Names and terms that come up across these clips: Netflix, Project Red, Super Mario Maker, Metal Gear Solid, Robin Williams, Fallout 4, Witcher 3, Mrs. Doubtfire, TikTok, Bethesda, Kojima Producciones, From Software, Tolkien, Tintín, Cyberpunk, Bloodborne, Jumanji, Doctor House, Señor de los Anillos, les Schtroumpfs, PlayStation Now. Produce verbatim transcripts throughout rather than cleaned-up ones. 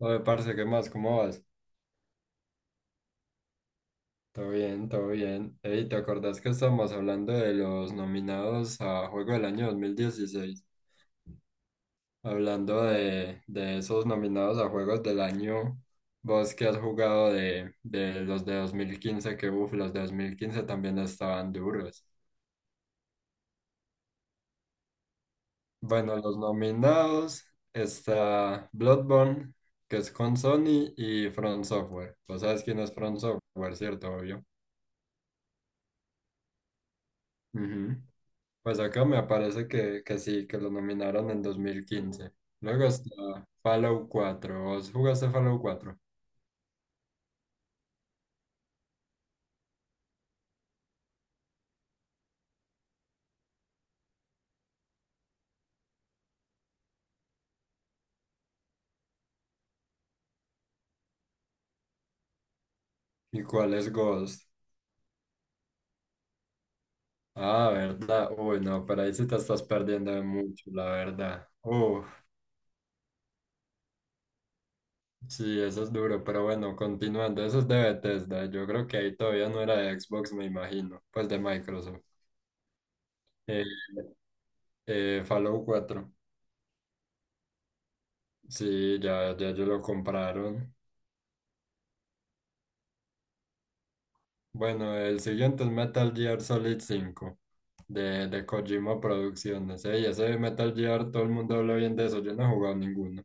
Oye, parce, ¿qué más? ¿Cómo vas? Todo bien, todo bien. Ey, ¿te acordás que estábamos hablando de los nominados a Juego del Año dos mil dieciséis? Hablando de, de esos nominados a Juegos del Año, vos que has jugado de, de los de dos mil quince, que uff, los de dos mil quince también estaban duros. Bueno, los nominados está Bloodborne, que es con Sony, y From Software. Vos sabes quién es From Software, ¿cierto? Obvio. Ujú. Pues acá me aparece que, que sí, que lo nominaron en dos mil quince. Luego está Fallout cuatro. ¿Vos jugaste Fallout cuatro? ¿Y cuál es Ghost? Ah, ¿verdad? Uy, no, pero ahí sí te estás perdiendo de mucho, la verdad. Uf, sí, eso es duro, pero bueno, continuando. Eso es de Bethesda. Yo creo que ahí todavía no era de Xbox, me imagino. Pues de Microsoft. Eh, eh, Fallout 4. Sí, ya, ya, ya lo compraron. Bueno, el siguiente es Metal Gear Solid cinco de, de Kojima Producciones. Ey, ese Metal Gear, todo el mundo habla bien de eso. Yo no he jugado ninguno.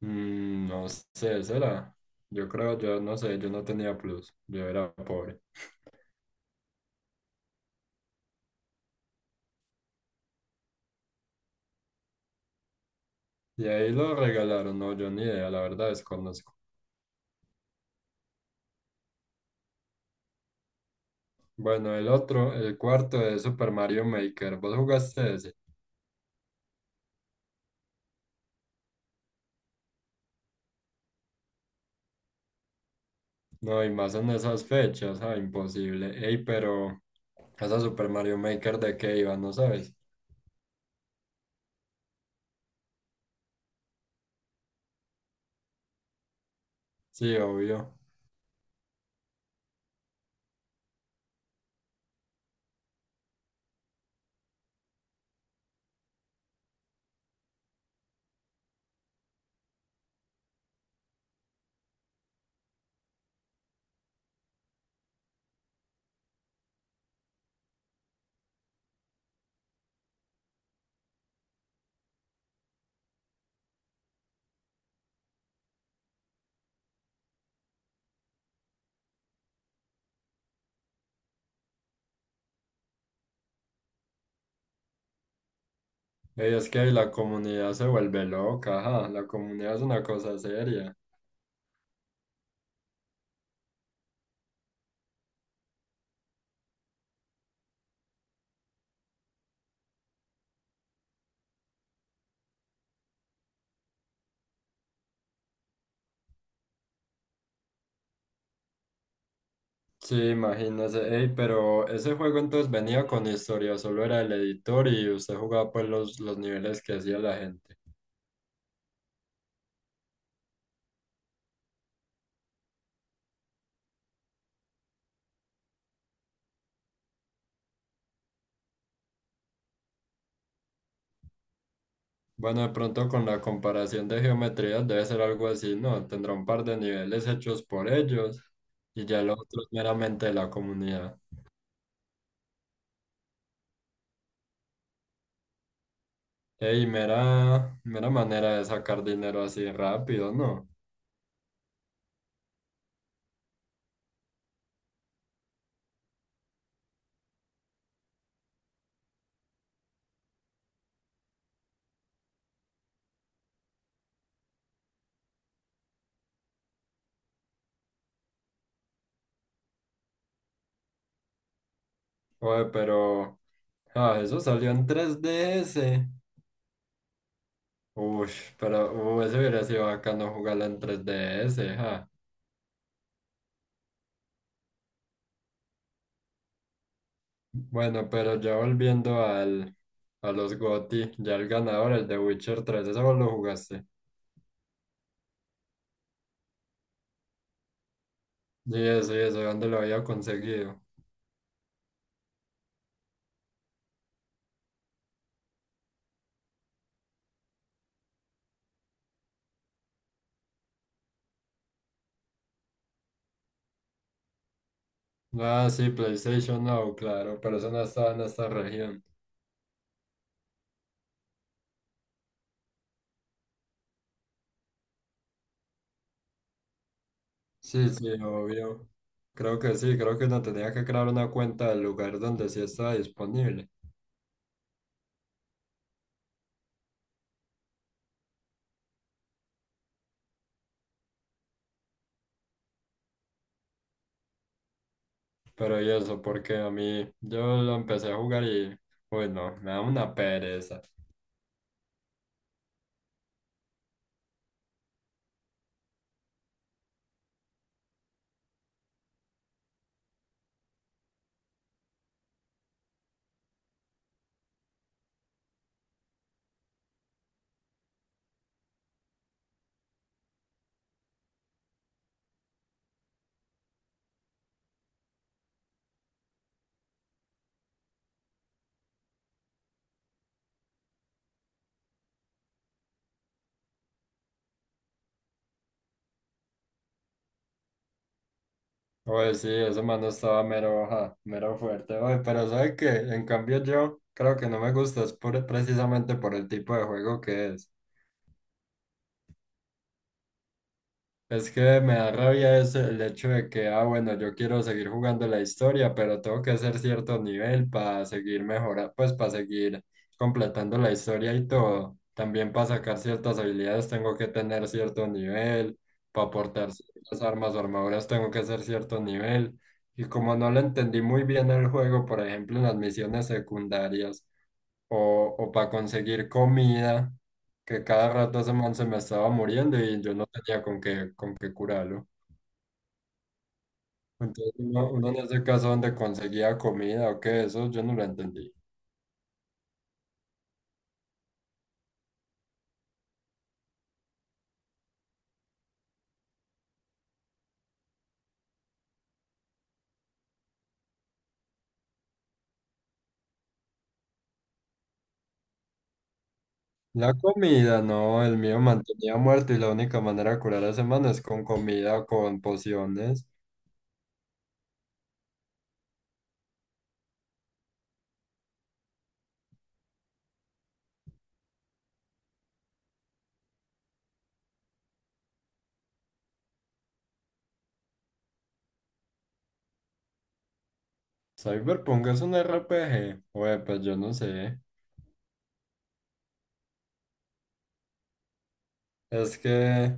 Mm, no sé, será. Yo creo, yo no sé, yo no tenía plus. Yo era pobre. Y ahí lo regalaron, no, yo ni idea, la verdad desconozco. Bueno, el otro, el cuarto es Super Mario Maker. ¿Vos jugaste ese? No, y más en esas fechas, ah, imposible. Ey, pero esa Super Mario Maker de qué iba, ¿no sabes? Sí, obvio. Ey, es que la comunidad se vuelve loca, ajá, la comunidad es una cosa seria. Sí, imagínese, ey, pero ese juego entonces venía con historia, solo era el editor y usted jugaba pues los, los niveles que hacía la gente. Bueno, de pronto con la comparación de geometrías debe ser algo así, ¿no? Tendrá un par de niveles hechos por ellos y ya lo otro es meramente de la comunidad. Ey, mera, mera manera de sacar dinero así rápido, ¿no? Oye, pero... Ah, eso salió en tres D S. Uy, pero uh, eso hubiera sido bacano jugarla en tres D S, ja. Bueno, pero ya volviendo al, a los G O T Y, ya el ganador, el de Witcher tres, eso vos lo jugaste. Y eso, y eso, ¿dónde lo había conseguido? Ah, sí, PlayStation Now, claro, pero eso no estaba en esta región. Sí, sí, obvio. Creo que sí, creo que uno tenía que crear una cuenta del lugar donde sí estaba disponible. Pero y eso, porque a mí, yo lo empecé a jugar y, bueno, me da una pereza. Oye, sí, ese mano estaba mero, ajá, mero fuerte, oye, pero ¿sabe qué? En cambio yo creo que no me gusta, es por- precisamente por el tipo de juego que es. Es que me da rabia es el hecho de que, ah, bueno, yo quiero seguir jugando la historia, pero tengo que hacer cierto nivel para seguir mejorando, pues para seguir completando la historia y todo. También para sacar ciertas habilidades tengo que tener cierto nivel, para portar ciertas armas o armaduras tengo que hacer cierto nivel. Y como no le entendí muy bien el juego, por ejemplo, en las misiones secundarias o, o para conseguir comida, que cada rato ese man se me estaba muriendo y yo no tenía con qué, con qué curarlo. Entonces uno, uno en ese caso donde conseguía comida o qué, eso yo no lo entendí. La comida, no, el mío mantenía muerto y la única manera de curar a ese man es con comida o con pociones. Cyberpunk es un R P G. Oye, pues yo no sé. Es que,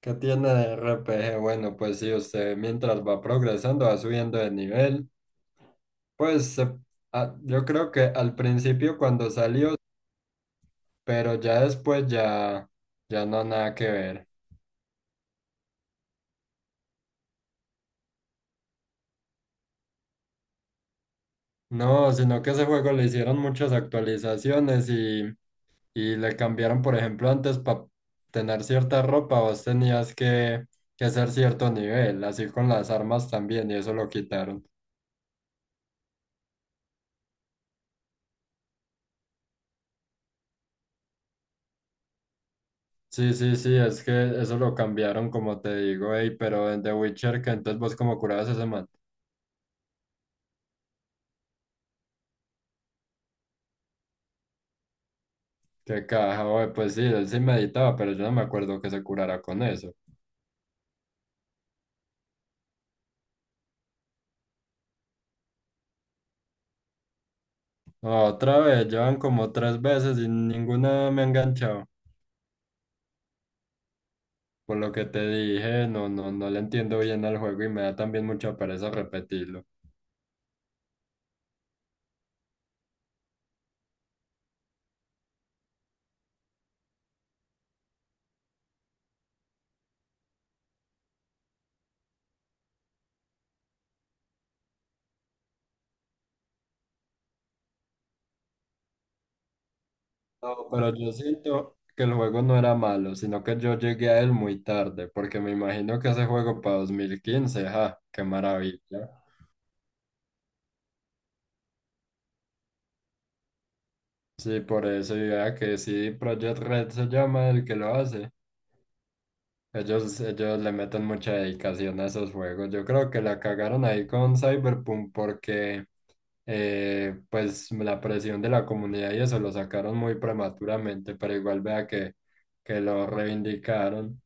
¿qué tiene de R P G? Bueno, pues sí, usted mientras va progresando, va subiendo de nivel. Pues se- a- yo creo que al principio cuando salió, pero ya después ya, ya no nada que ver. No, sino que ese juego le hicieron muchas actualizaciones y, y le cambiaron, por ejemplo, antes para tener cierta ropa, vos tenías que, que, hacer cierto nivel, así con las armas también, y eso lo quitaron. Sí, sí, sí, es que eso lo cambiaron, como te digo, ey, pero en The Witcher, que entonces vos como curabas a ese man. Qué caja, güey, pues sí, él sí meditaba, pero yo no me acuerdo que se curara con eso. Otra vez, llevan como tres veces y ninguna me ha enganchado. Por lo que te dije, no, no, no le entiendo bien al juego y me da también mucha pereza repetirlo. No, pero yo siento que el juego no era malo, sino que yo llegué a él muy tarde, porque me imagino que ese juego para dos mil quince ja, qué maravilla. Sí, por eso, ya que sí, Project Red se llama el que lo hace. Ellos, ellos le meten mucha dedicación a esos juegos. Yo creo que la cagaron ahí con Cyberpunk porque eh, pues la presión de la comunidad y eso lo sacaron muy prematuramente, pero igual vea que, que lo reivindicaron.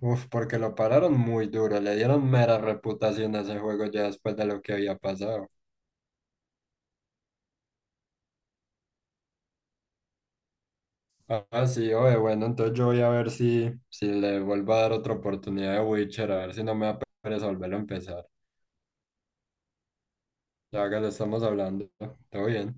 Uf, porque lo pararon muy duro, le dieron mera reputación a ese juego ya después de lo que había pasado. Ah, sí, oye, bueno, entonces yo voy a ver si, si le vuelvo a dar otra oportunidad de Witcher, a ver si no me da pereza volverlo a empezar. Ya que le estamos hablando, todo bien.